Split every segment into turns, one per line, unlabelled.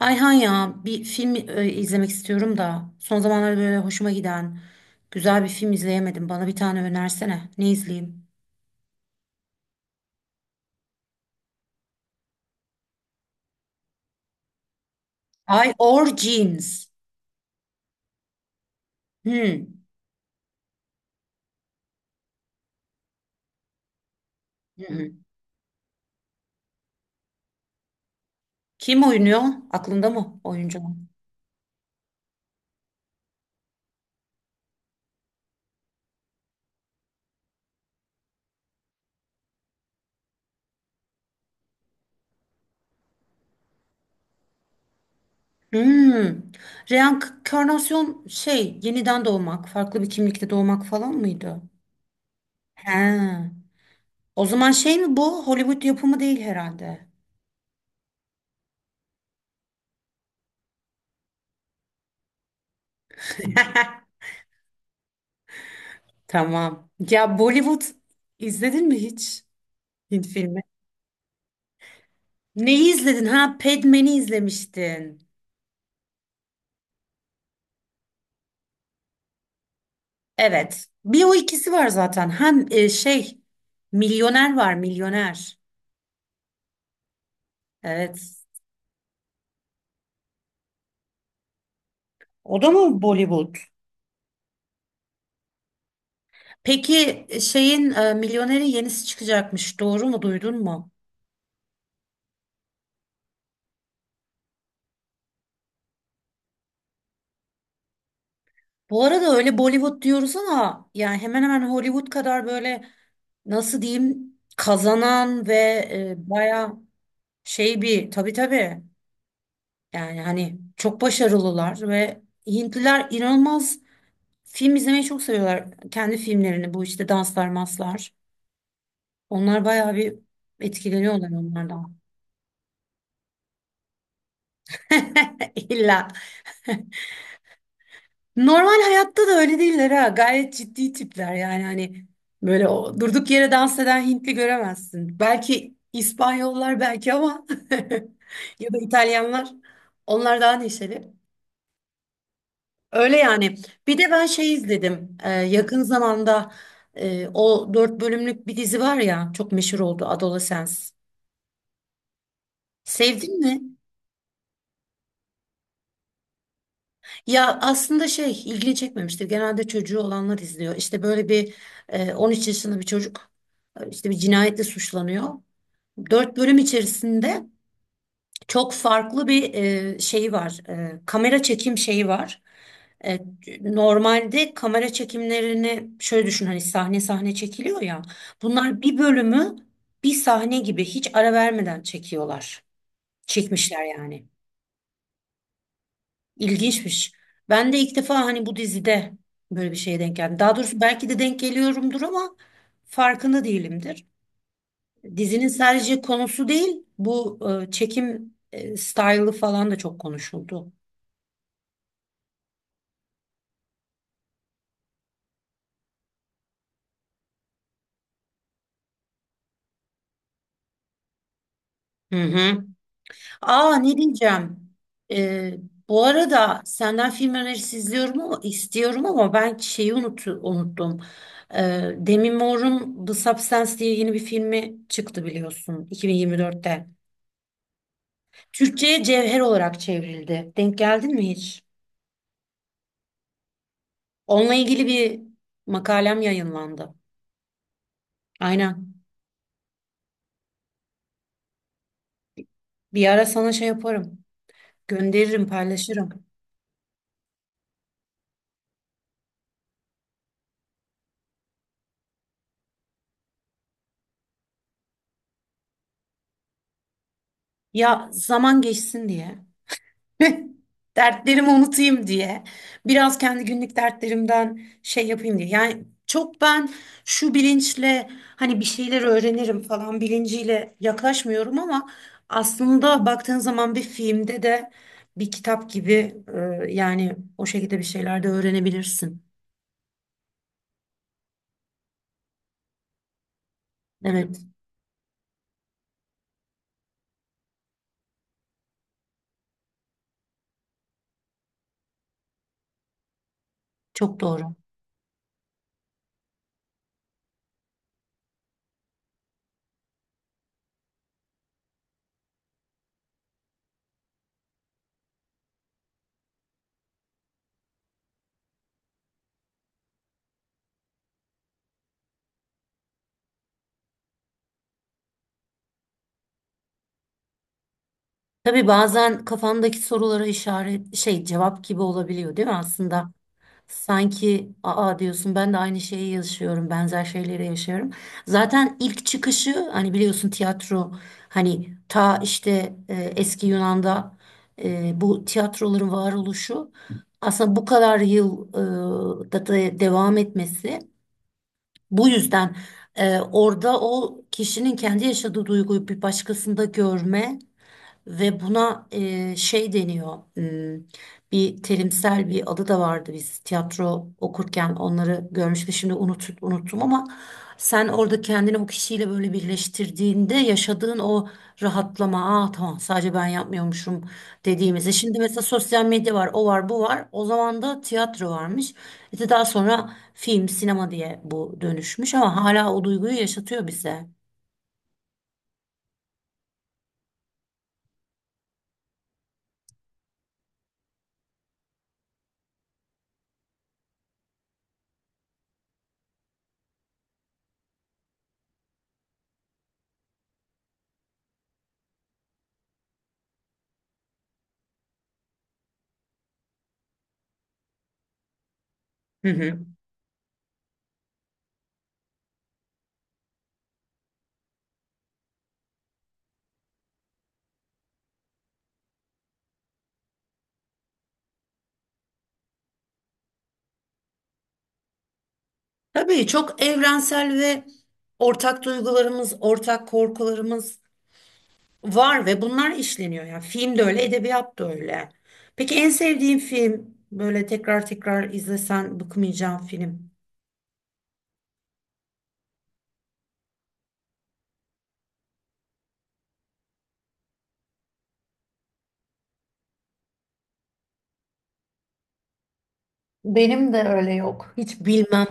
Ayhan, ya bir film izlemek istiyorum da son zamanlarda böyle hoşuma giden güzel bir film izleyemedim. Bana bir tane önersene. Ne izleyeyim? I Origins. Hmm. Hmm. Kim oynuyor? Aklında mı oyuncu? Hmm. Reenkarnasyon şey yeniden doğmak, farklı bir kimlikte doğmak falan mıydı? He. O zaman şey mi bu? Hollywood yapımı değil herhalde. Tamam. Ya Bollywood izledin mi hiç? Hint filmi? Neyi izledin? Ha, Padman'i izlemiştin. Evet. Bir o ikisi var zaten. Hem şey milyoner var, milyoner. Evet. O da mı Bollywood? Peki şeyin milyonerin yenisi çıkacakmış. Doğru mu? Duydun mu? Bu arada öyle Bollywood diyoruz ama yani hemen hemen Hollywood kadar böyle nasıl diyeyim kazanan ve baya şey bir tabii, yani hani çok başarılılar ve Hintliler inanılmaz film izlemeyi çok seviyorlar. Kendi filmlerini bu işte danslar maslar. Onlar bayağı bir etkileniyorlar onlardan. İlla. Normal hayatta da öyle değiller ha. Gayet ciddi tipler yani hani böyle o durduk yere dans eden Hintli göremezsin. Belki İspanyollar belki ama ya da İtalyanlar. Onlar daha neşeli. Öyle yani. Bir de ben şey izledim. Yakın zamanda o dört bölümlük bir dizi var ya, çok meşhur oldu, Adolescence. Sevdin mi? Ya aslında şey ilgini çekmemiştir. Genelde çocuğu olanlar izliyor. İşte böyle bir 13 yaşında bir çocuk işte bir cinayetle suçlanıyor. 4 bölüm içerisinde çok farklı bir şeyi var. Kamera çekim şeyi var. E, normalde kamera çekimlerini şöyle düşün, hani sahne sahne çekiliyor ya. Bunlar bir bölümü bir sahne gibi hiç ara vermeden çekiyorlar. Çekmişler yani. İlginçmiş. Ben de ilk defa hani bu dizide böyle bir şeye denk geldim. Daha doğrusu belki de denk geliyorumdur ama farkında değilimdir. Dizinin sadece konusu değil, bu çekim style'ı falan da çok konuşuldu. Hı hı. Aa, ne diyeceğim? E, bu arada senden film önerisi izliyorum ama istiyorum ama ben şeyi unuttum. E, Demi Moore'un The Substance diye yeni bir filmi çıktı biliyorsun 2024'te. Türkçe'ye cevher olarak çevrildi. Denk geldin mi hiç? Onunla ilgili bir makalem yayınlandı. Aynen. Bir ara sana şey yaparım. Gönderirim, paylaşırım. Ya zaman geçsin diye. Dertlerimi unutayım diye. Biraz kendi günlük dertlerimden şey yapayım diye. Yani çok ben şu bilinçle hani bir şeyler öğrenirim falan bilinciyle yaklaşmıyorum ama aslında baktığın zaman bir filmde de bir kitap gibi, yani o şekilde bir şeyler de öğrenebilirsin. Evet, çok doğru. Tabii bazen kafandaki sorulara işaret şey cevap gibi olabiliyor değil mi aslında? Sanki aa diyorsun ben de aynı şeyi yaşıyorum, benzer şeyleri yaşıyorum. Zaten ilk çıkışı hani biliyorsun tiyatro, hani ta işte eski Yunan'da bu tiyatroların varoluşu, aslında bu kadar yıl e, da da devam etmesi bu yüzden. Orada o kişinin kendi yaşadığı duyguyu bir başkasında görme ve buna şey deniyor. Hmm, bir terimsel bir adı da vardı, biz tiyatro okurken onları görmüştük. Şimdi unuttum ama sen orada kendini o kişiyle böyle birleştirdiğinde yaşadığın o rahatlama, aa tamam sadece ben yapmıyormuşum dediğimizde. Şimdi mesela sosyal medya var, o var, bu var. O zaman da tiyatro varmış. İşte daha sonra film, sinema diye bu dönüşmüş ama hala o duyguyu yaşatıyor bize. Hı hı. Tabii çok evrensel ve ortak duygularımız, ortak korkularımız var ve bunlar işleniyor. Yani film de öyle, edebiyat da öyle. Peki en sevdiğin film, böyle tekrar tekrar izlesen bıkmayacağın film? Benim de öyle yok. Hiç bilmem.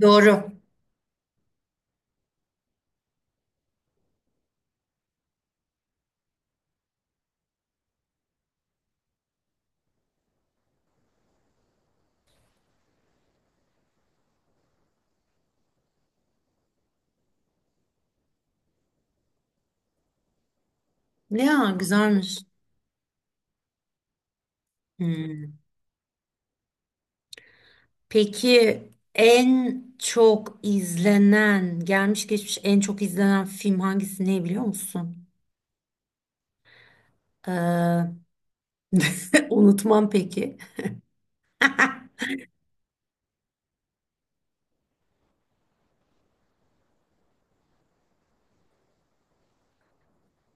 Doğru. Ya güzelmiş. Hmm. Peki en çok izlenen, gelmiş geçmiş en çok izlenen film hangisi ne biliyor musun? Ee, unutmam peki.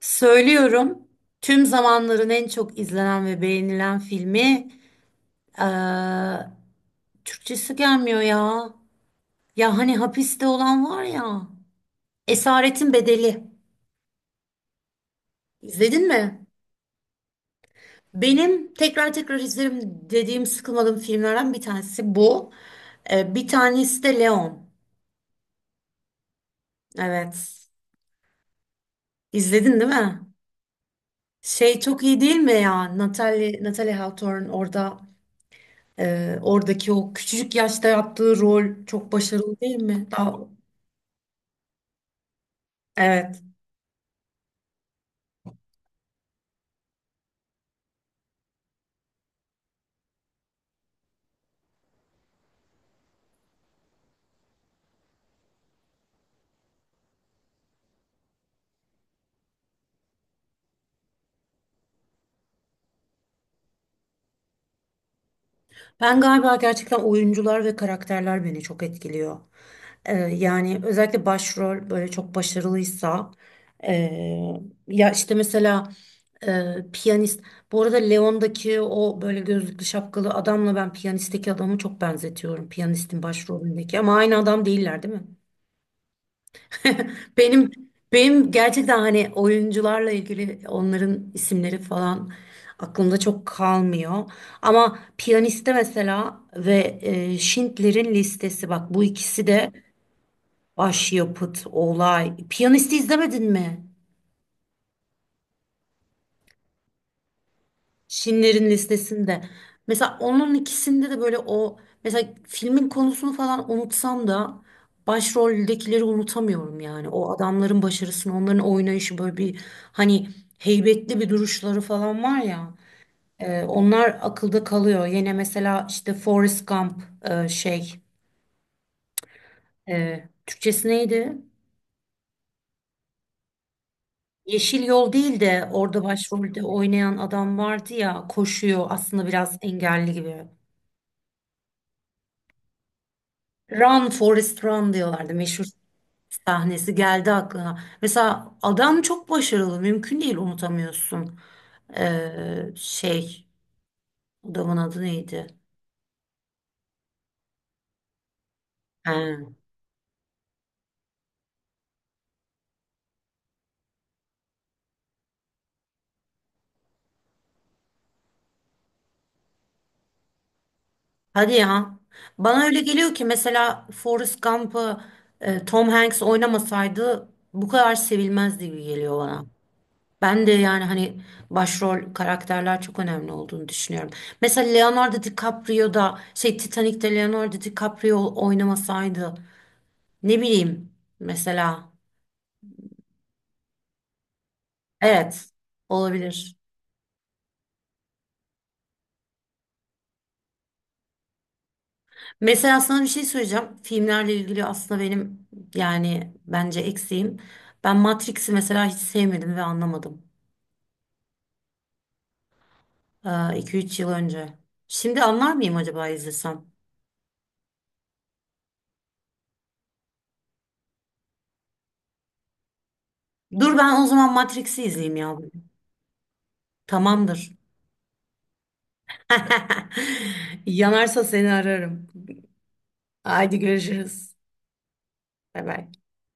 Söylüyorum. Tüm zamanların en çok izlenen ve beğenilen filmi eee, Türkçesi gelmiyor ya. Ya hani hapiste olan var ya. Esaretin Bedeli. İzledin mi? Benim tekrar tekrar izlerim dediğim, sıkılmadığım filmlerden bir tanesi bu. Bir tanesi de Leon. Evet. İzledin değil mi? Şey çok iyi değil mi ya? Natalie, Natalie Hawthorne orada oradaki o küçücük yaşta yaptığı rol çok başarılı değil mi? Daha, evet. Ben galiba gerçekten oyuncular ve karakterler beni çok etkiliyor. Yani özellikle başrol böyle çok başarılıysa, ee, ya işte mesela piyanist. Bu arada Leon'daki o böyle gözlüklü şapkalı adamla ben piyanistteki adamı çok benzetiyorum. Piyanistin başrolündeki ama aynı adam değiller, değil mi? Benim benim gerçekten hani oyuncularla ilgili onların isimleri falan aklımda çok kalmıyor. Ama piyaniste mesela ve Schindler'in Listesi, bak bu ikisi de başyapıt, olay. Piyanisti izlemedin mi? Şinlerin listesinde. Mesela onun ikisinde de böyle o, mesela filmin konusunu falan unutsam da başroldekileri unutamıyorum yani. O adamların başarısını, onların oynayışı, böyle bir hani heybetli bir duruşları falan var ya. Onlar akılda kalıyor. Yine mesela işte Forrest Gump, e, şey Türkçesi neydi? Yeşil Yol değil de orada başrolde oynayan adam vardı ya, koşuyor aslında biraz engelli gibi. Run Forrest Run diyorlardı. Meşhur sahnesi geldi aklına. Mesela adam çok başarılı. Mümkün değil unutamıyorsun. Ee, şey adamın adı neydi? He. Hadi ya. Bana öyle geliyor ki mesela Forrest Gump'ı Tom Hanks oynamasaydı bu kadar sevilmezdi gibi geliyor bana. Ben de yani hani başrol karakterler çok önemli olduğunu düşünüyorum. Mesela Leonardo DiCaprio da şey Titanic'te Leonardo DiCaprio oynamasaydı, ne bileyim mesela. Evet, olabilir. Mesela sana bir şey söyleyeceğim. Filmlerle ilgili aslında benim yani bence eksiğim. Ben Matrix'i mesela hiç sevmedim ve anlamadım. İki üç yıl önce. Şimdi anlar mıyım acaba izlesem? Dur, ben o zaman Matrix'i izleyeyim ya. Tamamdır. Yanarsa seni ararım. Haydi görüşürüz. Bay bay.